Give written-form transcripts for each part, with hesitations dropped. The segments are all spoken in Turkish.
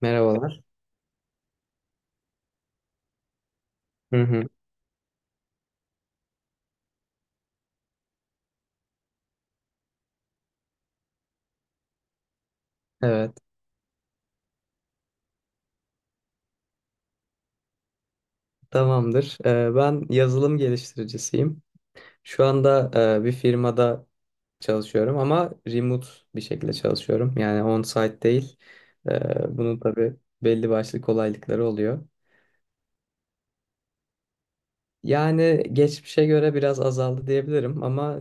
Merhabalar. Hı hı, evet, tamamdır. Ben yazılım geliştiricisiyim. Şu anda bir firmada çalışıyorum ama remote bir şekilde çalışıyorum. Yani on-site değil. Bunun tabii belli başlı kolaylıkları oluyor. Yani geçmişe göre biraz azaldı diyebilirim ama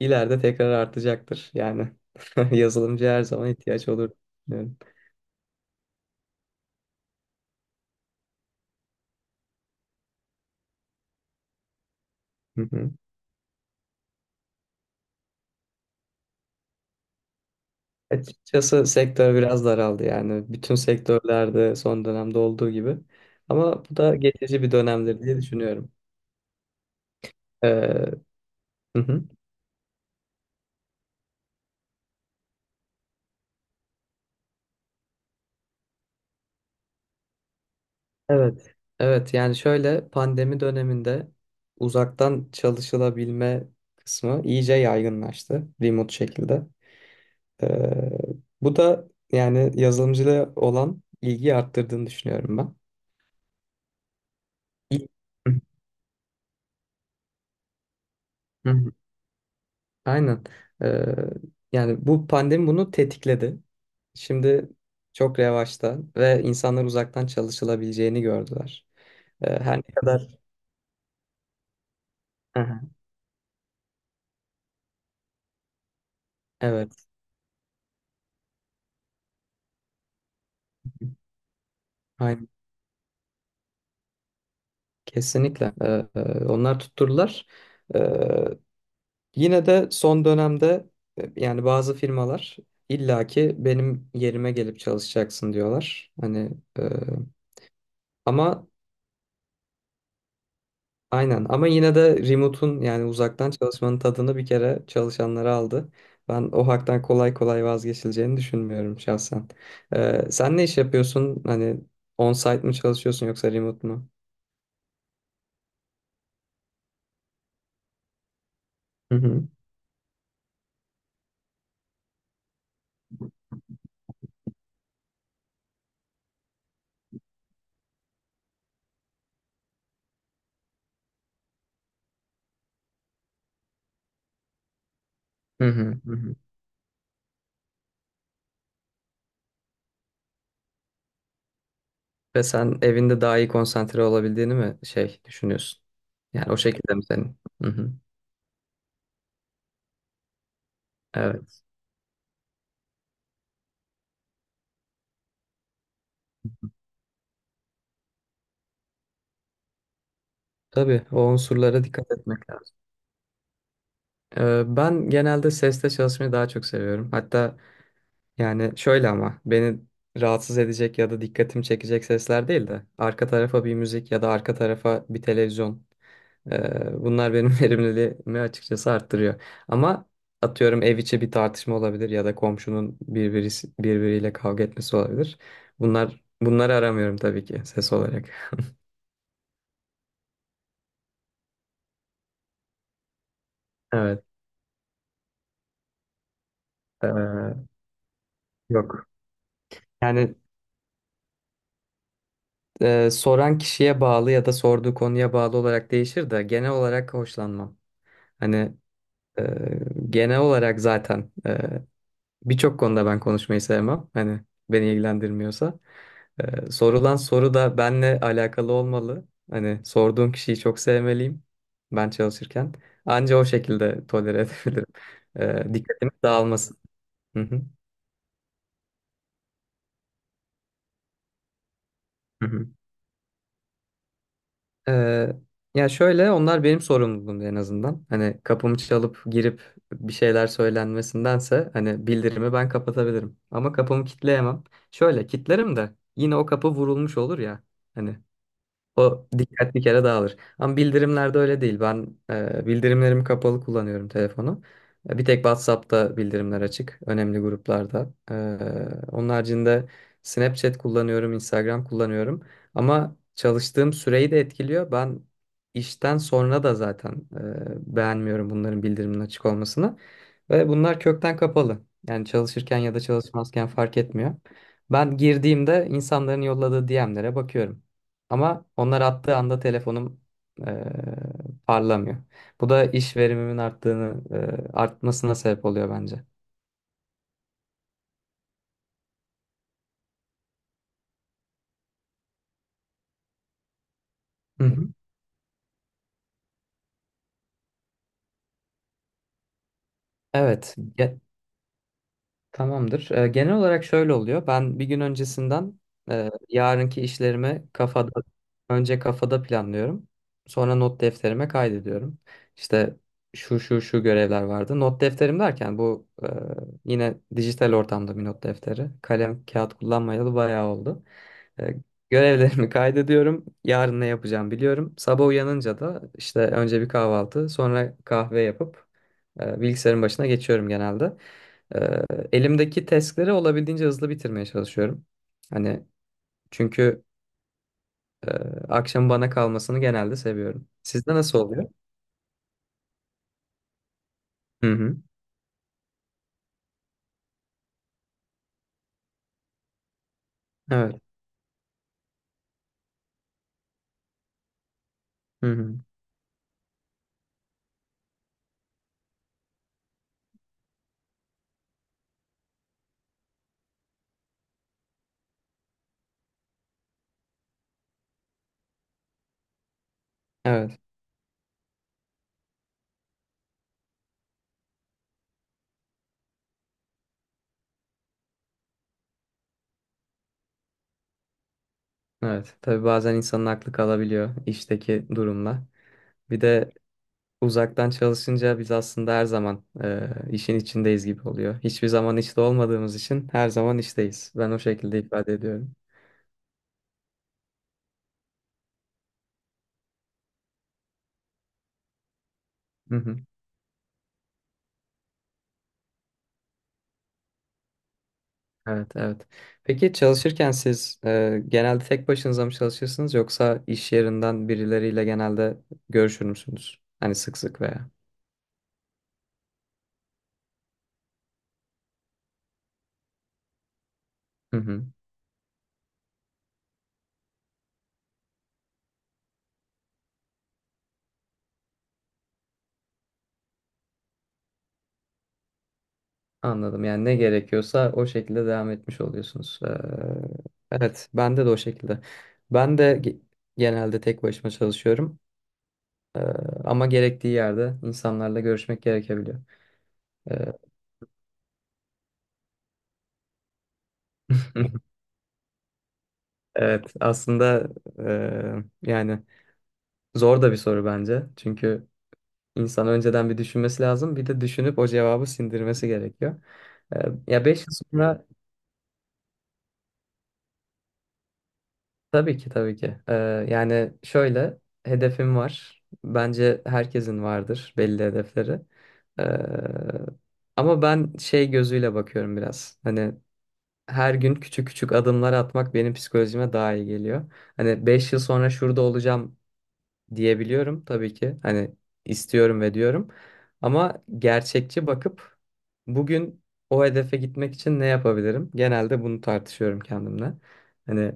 ileride tekrar artacaktır. Yani yazılımcı her zaman ihtiyaç olur. Düşünüyorum. Açıkçası sektör biraz daraldı yani. Bütün sektörlerde son dönemde olduğu gibi. Ama bu da geçici bir dönemdir diye düşünüyorum. Ee, hı hı. Evet. Evet yani şöyle pandemi döneminde uzaktan çalışılabilme kısmı iyice yaygınlaştı remote şekilde. Ee, Bu da yani yazılımcılığa olan ilgiyi arttırdığını düşünüyorum ben. İ- Hı hı. Aynen. Ee, Yani bu pandemi bunu tetikledi. Şimdi çok revaçta ve insanlar uzaktan çalışılabileceğini gördüler. Her ne kadar. Hı hı. Evet, aynen, kesinlikle. Onlar tutturdular. Ee, Yine de son dönemde yani bazı firmalar illaki benim yerime gelip çalışacaksın diyorlar. Hani e, ama aynen, ama yine de remote'un yani uzaktan çalışmanın tadını bir kere çalışanlara aldı. Ben o haktan kolay kolay vazgeçileceğini düşünmüyorum şahsen. Sen ne iş yapıyorsun? Hani on-site mi çalışıyorsun yoksa remote mu? Hı hı. Hı hı. Hı hı. Ve sen evinde daha iyi konsantre olabildiğini mi şey düşünüyorsun? Yani o şekilde mi senin? Hı hı. Evet. Tabii o unsurlara dikkat etmek lazım. Ben genelde seste çalışmayı daha çok seviyorum. Hatta yani şöyle, ama beni rahatsız edecek ya da dikkatimi çekecek sesler değil de arka tarafa bir müzik ya da arka tarafa bir televizyon. Bunlar benim verimliliğimi açıkçası arttırıyor. Ama atıyorum ev içi bir tartışma olabilir ya da komşunun birbirisi, birbiriyle kavga etmesi olabilir. Bunlar, bunları aramıyorum tabii ki ses olarak. Evet. ee, Yok. Yani soran kişiye bağlı ya da sorduğu konuya bağlı olarak değişir de genel olarak hoşlanmam. Hani. Ee, Genel olarak zaten birçok konuda ben konuşmayı sevmem. Hani beni ilgilendirmiyorsa. Sorulan soru da benle alakalı olmalı. Hani sorduğum kişiyi çok sevmeliyim ben çalışırken. Anca o şekilde tolere edebilirim. Dikkatimi dağılmasın. Hı hı. Hı hı. Ee, Ya şöyle, onlar benim sorumluluğumdu en azından. Hani kapımı çalıp girip bir şeyler söylenmesindense hani bildirimi ben kapatabilirim. Ama kapımı kitleyemem. Şöyle kitlerim de yine o kapı vurulmuş olur ya. Hani o dikkat bir kere dağılır. Ama bildirimlerde öyle değil. Ben bildirimlerimi kapalı kullanıyorum telefonu. Bir tek WhatsApp'ta bildirimler açık. Önemli gruplarda. Onun haricinde Snapchat kullanıyorum, Instagram kullanıyorum. Ama çalıştığım süreyi de etkiliyor. Ben işten sonra da zaten beğenmiyorum bunların bildiriminin açık olmasını. Ve bunlar kökten kapalı. Yani çalışırken ya da çalışmazken fark etmiyor. Ben girdiğimde insanların yolladığı DM'lere bakıyorum. Ama onlar attığı anda telefonum eee, parlamıyor. Bu da iş verimimin artmasına sebep oluyor bence. Hı hı. Evet. Tamamdır. Genel olarak şöyle oluyor. Ben bir gün öncesinden yarınki işlerimi kafada önce kafada planlıyorum. Sonra not defterime kaydediyorum. İşte şu şu şu görevler vardı. Not defterim derken bu yine dijital ortamda bir not defteri. Kalem kağıt kullanmayalı bayağı oldu. E, Görevlerimi kaydediyorum. Yarın ne yapacağım biliyorum. Sabah uyanınca da işte önce bir kahvaltı, sonra kahve yapıp bilgisayarın başına geçiyorum genelde. Ee, Elimdeki testleri olabildiğince hızlı bitirmeye çalışıyorum. Hani çünkü e, akşam bana kalmasını genelde seviyorum. Sizde nasıl oluyor? Hı hı. Evet. Hı hı. Evet. Evet. Tabii bazen insanın aklı kalabiliyor işteki durumla. Bir de uzaktan çalışınca biz aslında her zaman işin içindeyiz gibi oluyor. Hiçbir zaman işte olmadığımız için her zaman işteyiz. Ben o şekilde ifade ediyorum. Hı hı. Evet, evet. Peki çalışırken siz genelde tek başınıza mı çalışırsınız yoksa iş yerinden birileriyle genelde görüşür müsünüz? Hani sık sık veya. Hı hı. Anladım. Yani ne gerekiyorsa o şekilde devam etmiş oluyorsunuz. Evet, bende de o şekilde. Ben de genelde tek başıma çalışıyorum. Ee, Ama gerektiği yerde insanlarla görüşmek gerekebiliyor. Ee, evet, aslında yani zor da bir soru bence. Çünkü İnsan önceden bir düşünmesi lazım. Bir de düşünüp o cevabı sindirmesi gerekiyor. Ee, Ya 5 yıl sonra tabii ki, tabii ki. Yani şöyle, hedefim var. Bence herkesin vardır belli hedefleri. Ee, Ama ben şey gözüyle bakıyorum biraz. Hani her gün küçük küçük adımlar atmak benim psikolojime daha iyi geliyor. Hani 5 yıl sonra şurada olacağım diyebiliyorum tabii ki. Hani istiyorum ve diyorum. Ama gerçekçi bakıp bugün o hedefe gitmek için ne yapabilirim? Genelde bunu tartışıyorum kendimle. Hani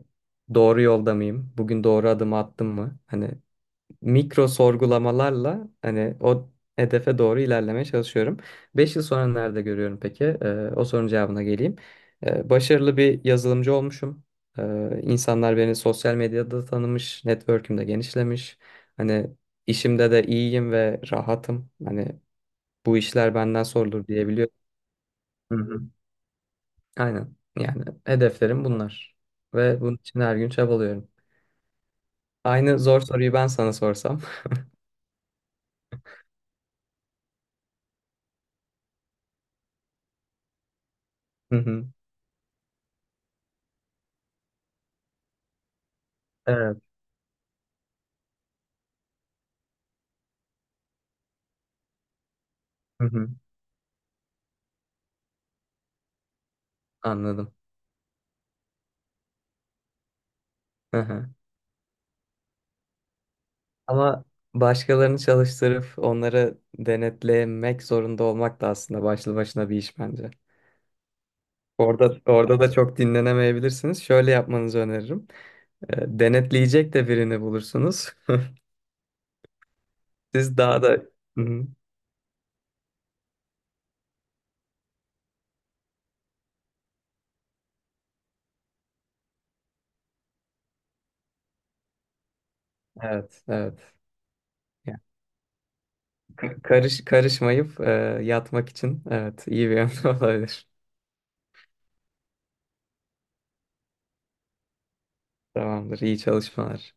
doğru yolda mıyım? Bugün doğru adımı attım mı? Hani mikro sorgulamalarla hani o hedefe doğru ilerlemeye çalışıyorum. 5 yıl sonra nerede görüyorum peki? O sorunun cevabına geleyim. Başarılı bir yazılımcı olmuşum. İnsanlar beni sosyal medyada tanımış, network'üm de genişlemiş. Hani işimde de iyiyim ve rahatım. Hani bu işler benden sorulur diyebiliyorum. Hı hı. Aynen. Yani hedeflerim bunlar. Ve bunun için her gün çabalıyorum. Aynı zor soruyu ben sana sorsam. Hı hı. Evet. Hı hı. Anladım. Hı hı. Ama başkalarını çalıştırıp onları denetlemek zorunda olmak da aslında başlı başına bir iş bence. Orada da çok dinlenemeyebilirsiniz. Şöyle yapmanızı öneririm. E, Denetleyecek de birini bulursunuz. Siz daha da. Hı hı. Evet, evet. Yani karışmayıp yatmak için, evet, iyi bir yöntem olabilir. Tamamdır. İyi çalışmalar.